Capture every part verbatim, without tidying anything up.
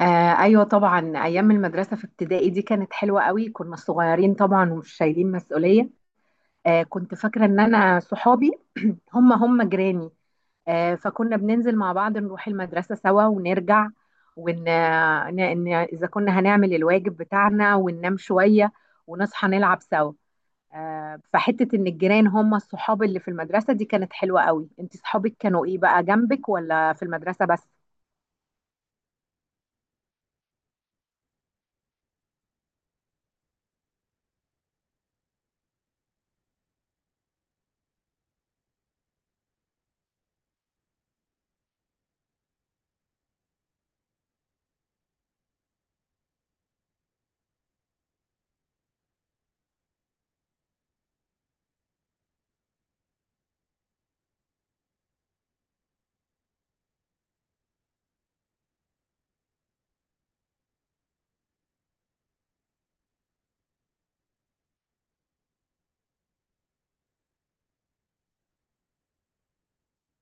آه ايوه طبعا، ايام المدرسه في ابتدائي دي كانت حلوه قوي. كنا صغيرين طبعا ومش شايلين مسؤوليه. آه، كنت فاكره ان انا صحابي هم هم جيراني. آه، فكنا بننزل مع بعض نروح المدرسه سوا ونرجع ون ن... ن... اذا كنا هنعمل الواجب بتاعنا وننام شويه ونصحى نلعب سوا. آه، فحته ان الجيران هم الصحاب اللي في المدرسه دي كانت حلوه قوي. انت صحابك كانوا ايه بقى، جنبك ولا في المدرسه بس؟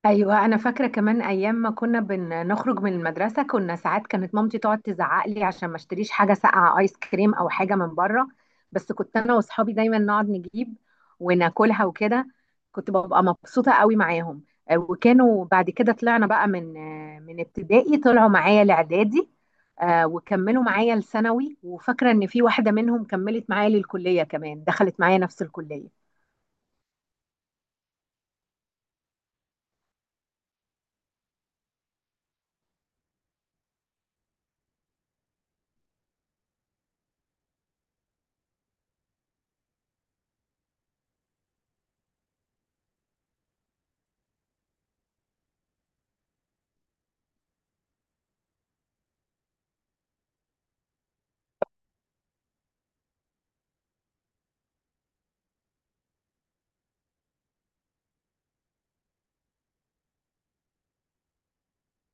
ايوه، انا فاكره كمان ايام ما كنا بنخرج من المدرسه، كنا ساعات كانت مامتي تقعد تزعق لي عشان ما اشتريش حاجه ساقعه، ايس كريم او حاجه من بره. بس كنت انا واصحابي دايما نقعد نجيب وناكلها وكده. كنت ببقى مبسوطه قوي معاهم. آه، وكانوا بعد كده طلعنا بقى من آه، من ابتدائي، طلعوا معايا لاعدادي. آه، وكملوا معايا لثانوي، وفاكره ان في واحده منهم كملت معايا للكليه كمان، دخلت معايا نفس الكليه.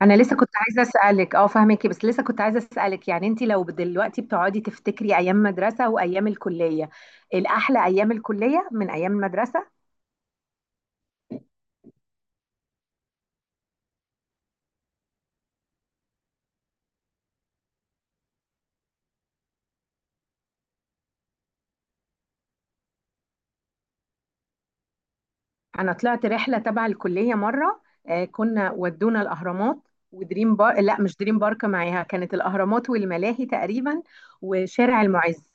انا لسه كنت عايزه اسالك، اه فاهمكي، بس لسه كنت عايزه اسالك، يعني انت لو دلوقتي بتقعدي تفتكري ايام مدرسه وايام الكليه، الاحلى ايام الكليه من ايام المدرسه؟ انا طلعت رحله تبع الكليه مره. آه، كنا ودونا الاهرامات ودريم بار، لا مش دريم بارك معاها، كانت الاهرامات والملاهي تقريبا وشارع المعز.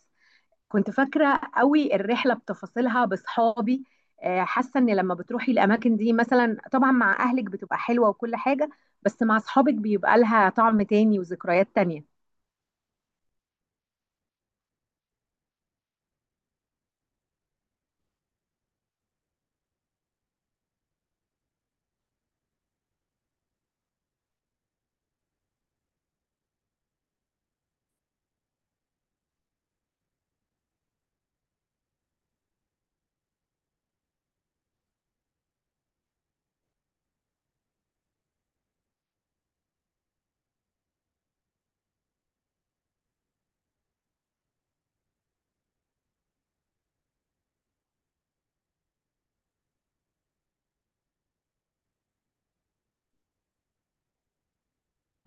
كنت فاكرة قوي الرحلة بتفاصيلها بصحابي. آه، حاسة ان لما بتروحي الاماكن دي مثلا طبعا مع اهلك بتبقى حلوة وكل حاجة، بس مع اصحابك بيبقى لها طعم تاني وذكريات تانية.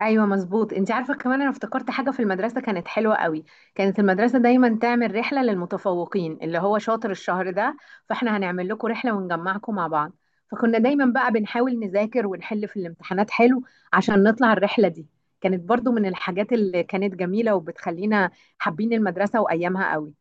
ايوه مظبوط. انت عارفه كمان انا افتكرت حاجه في المدرسه كانت حلوه قوي، كانت المدرسه دايما تعمل رحله للمتفوقين، اللي هو شاطر الشهر ده فاحنا هنعمل لكم رحله ونجمعكم مع بعض. فكنا دايما بقى بنحاول نذاكر ونحل في الامتحانات حلو عشان نطلع الرحله دي. كانت برضو من الحاجات اللي كانت جميله وبتخلينا حابين المدرسه وايامها قوي.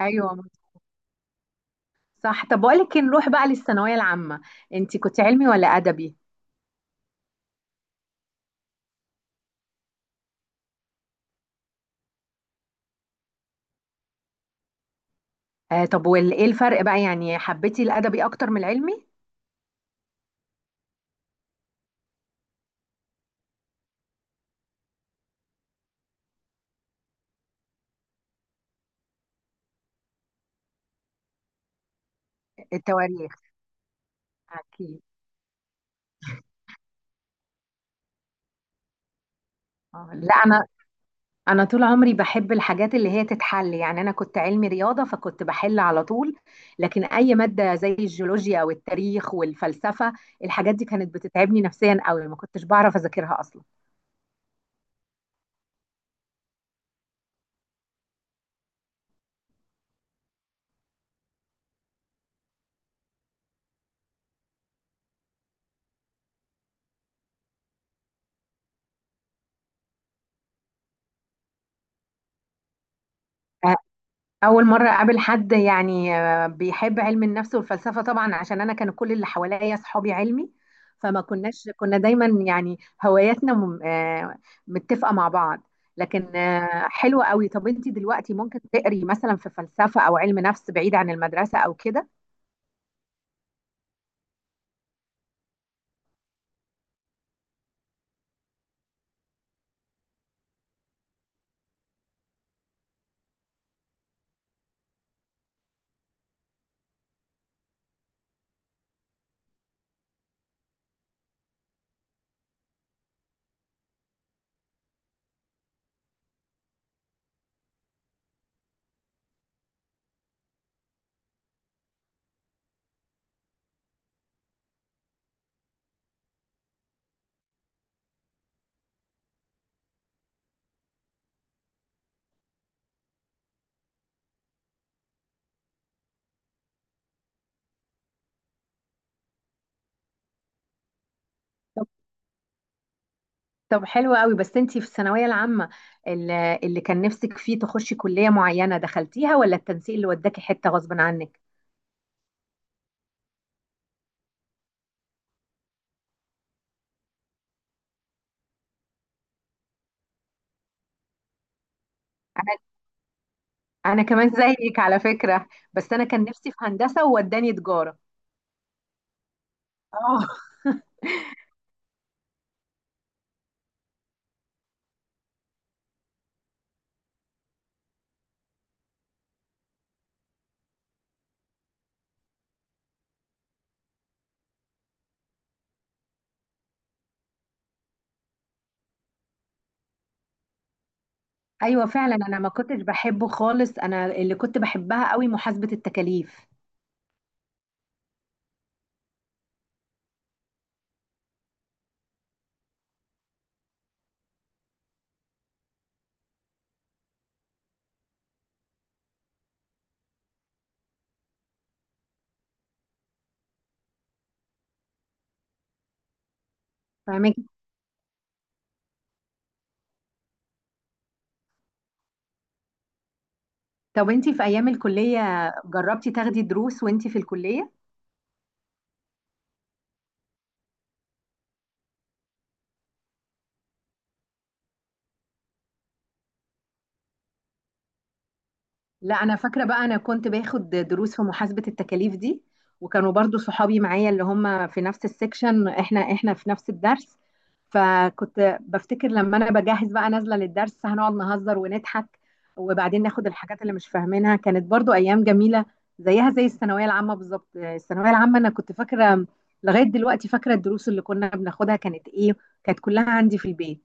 ايوه صح. طب بقول لك إيه، نروح بقى للثانويه العامه. انت كنت علمي ولا ادبي؟ آه، طب وايه الفرق بقى، يعني حبيتي الادبي اكتر من العلمي؟ التواريخ، أكيد. آه. لا أنا، أنا طول عمري بحب الحاجات اللي هي تتحل، يعني أنا كنت علمي رياضة فكنت بحل على طول. لكن أي مادة زي الجيولوجيا أو التاريخ والفلسفة، الحاجات دي كانت بتتعبني نفسيا قوي، ما كنتش بعرف أذاكرها أصلا. آه، أول مرة أقابل حد يعني آه، بيحب علم النفس والفلسفة، طبعا عشان أنا كان كل اللي حواليا صحابي علمي. فما كناش كنا دايما يعني هواياتنا م- آه، متفقة مع بعض. لكن آه، حلوة قوي. طب أنت دلوقتي ممكن تقري مثلا في فلسفة أو علم نفس بعيد عن المدرسة أو كده؟ طب، طب حلوة قوي. بس أنت في الثانوية العامة، اللي اللي كان نفسك فيه تخشي كلية معينة دخلتيها ولا التنسيق اللي وداكي حتة غصب عنك؟ انا كمان زيك على فكرة، بس انا كان نفسي في هندسة ووداني تجارة. اه ايوه فعلا، انا ما كنتش بحبه خالص. انا اللي كنت بحبها قوي محاسبة التكاليف. فاهمك. طب انتي في ايام الكلية جربتي تاخدي دروس وانتي في الكلية؟ لا انا فاكره بقى، انا كنت باخد دروس في محاسبه التكاليف دي، وكانوا برضو صحابي معايا اللي هم في نفس السكشن، احنا احنا في نفس الدرس. فكنت بفتكر لما انا بجهز بقى نازله للدرس هنقعد نهزر ونضحك، وبعدين ناخد الحاجات اللي مش فاهمينها. كانت برضو ايام جميله زيها زي الثانويه العامه بالظبط. الثانويه العامه انا كنت فاكره، لغايه دلوقتي فاكره الدروس اللي كنا بناخدها كانت ايه، كانت كلها عندي في البيت.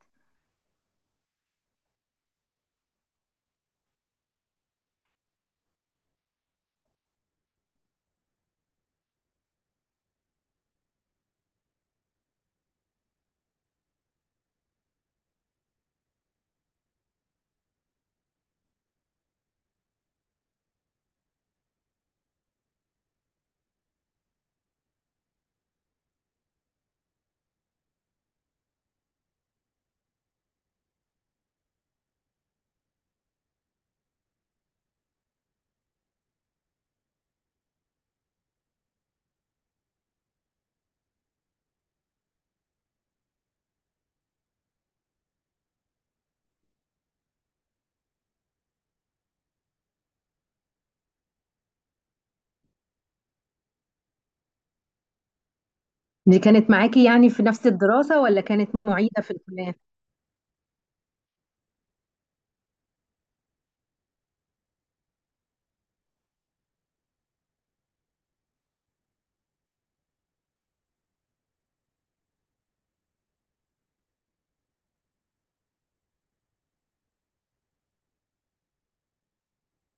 دي كانت معاكي يعني في نفس الدراسه ولا كانت معيده في الكليه؟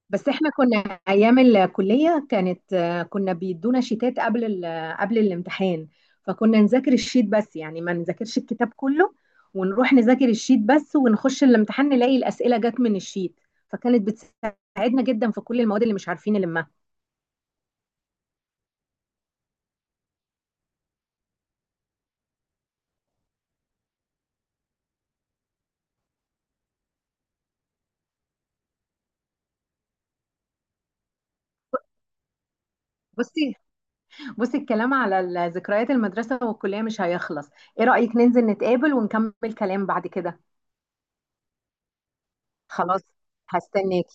بس احنا كنا ايام الكليه كانت آه، كنا بيدونا شيتات قبل ال- قبل الامتحان. فكنا نذاكر الشيت بس، يعني ما نذاكرش الكتاب كله، ونروح نذاكر الشيت بس ونخش الامتحان نلاقي الاسئله جت من الشيت. فكانت بتساعدنا جدا في كل المواد اللي مش عارفين نلمها. بصي، بصي الكلام على ال- ذكريات المدرسه والكليه مش هيخلص. ايه رايك ننزل نتقابل ونكمل كلام بعد كده؟ خلاص، هستناك.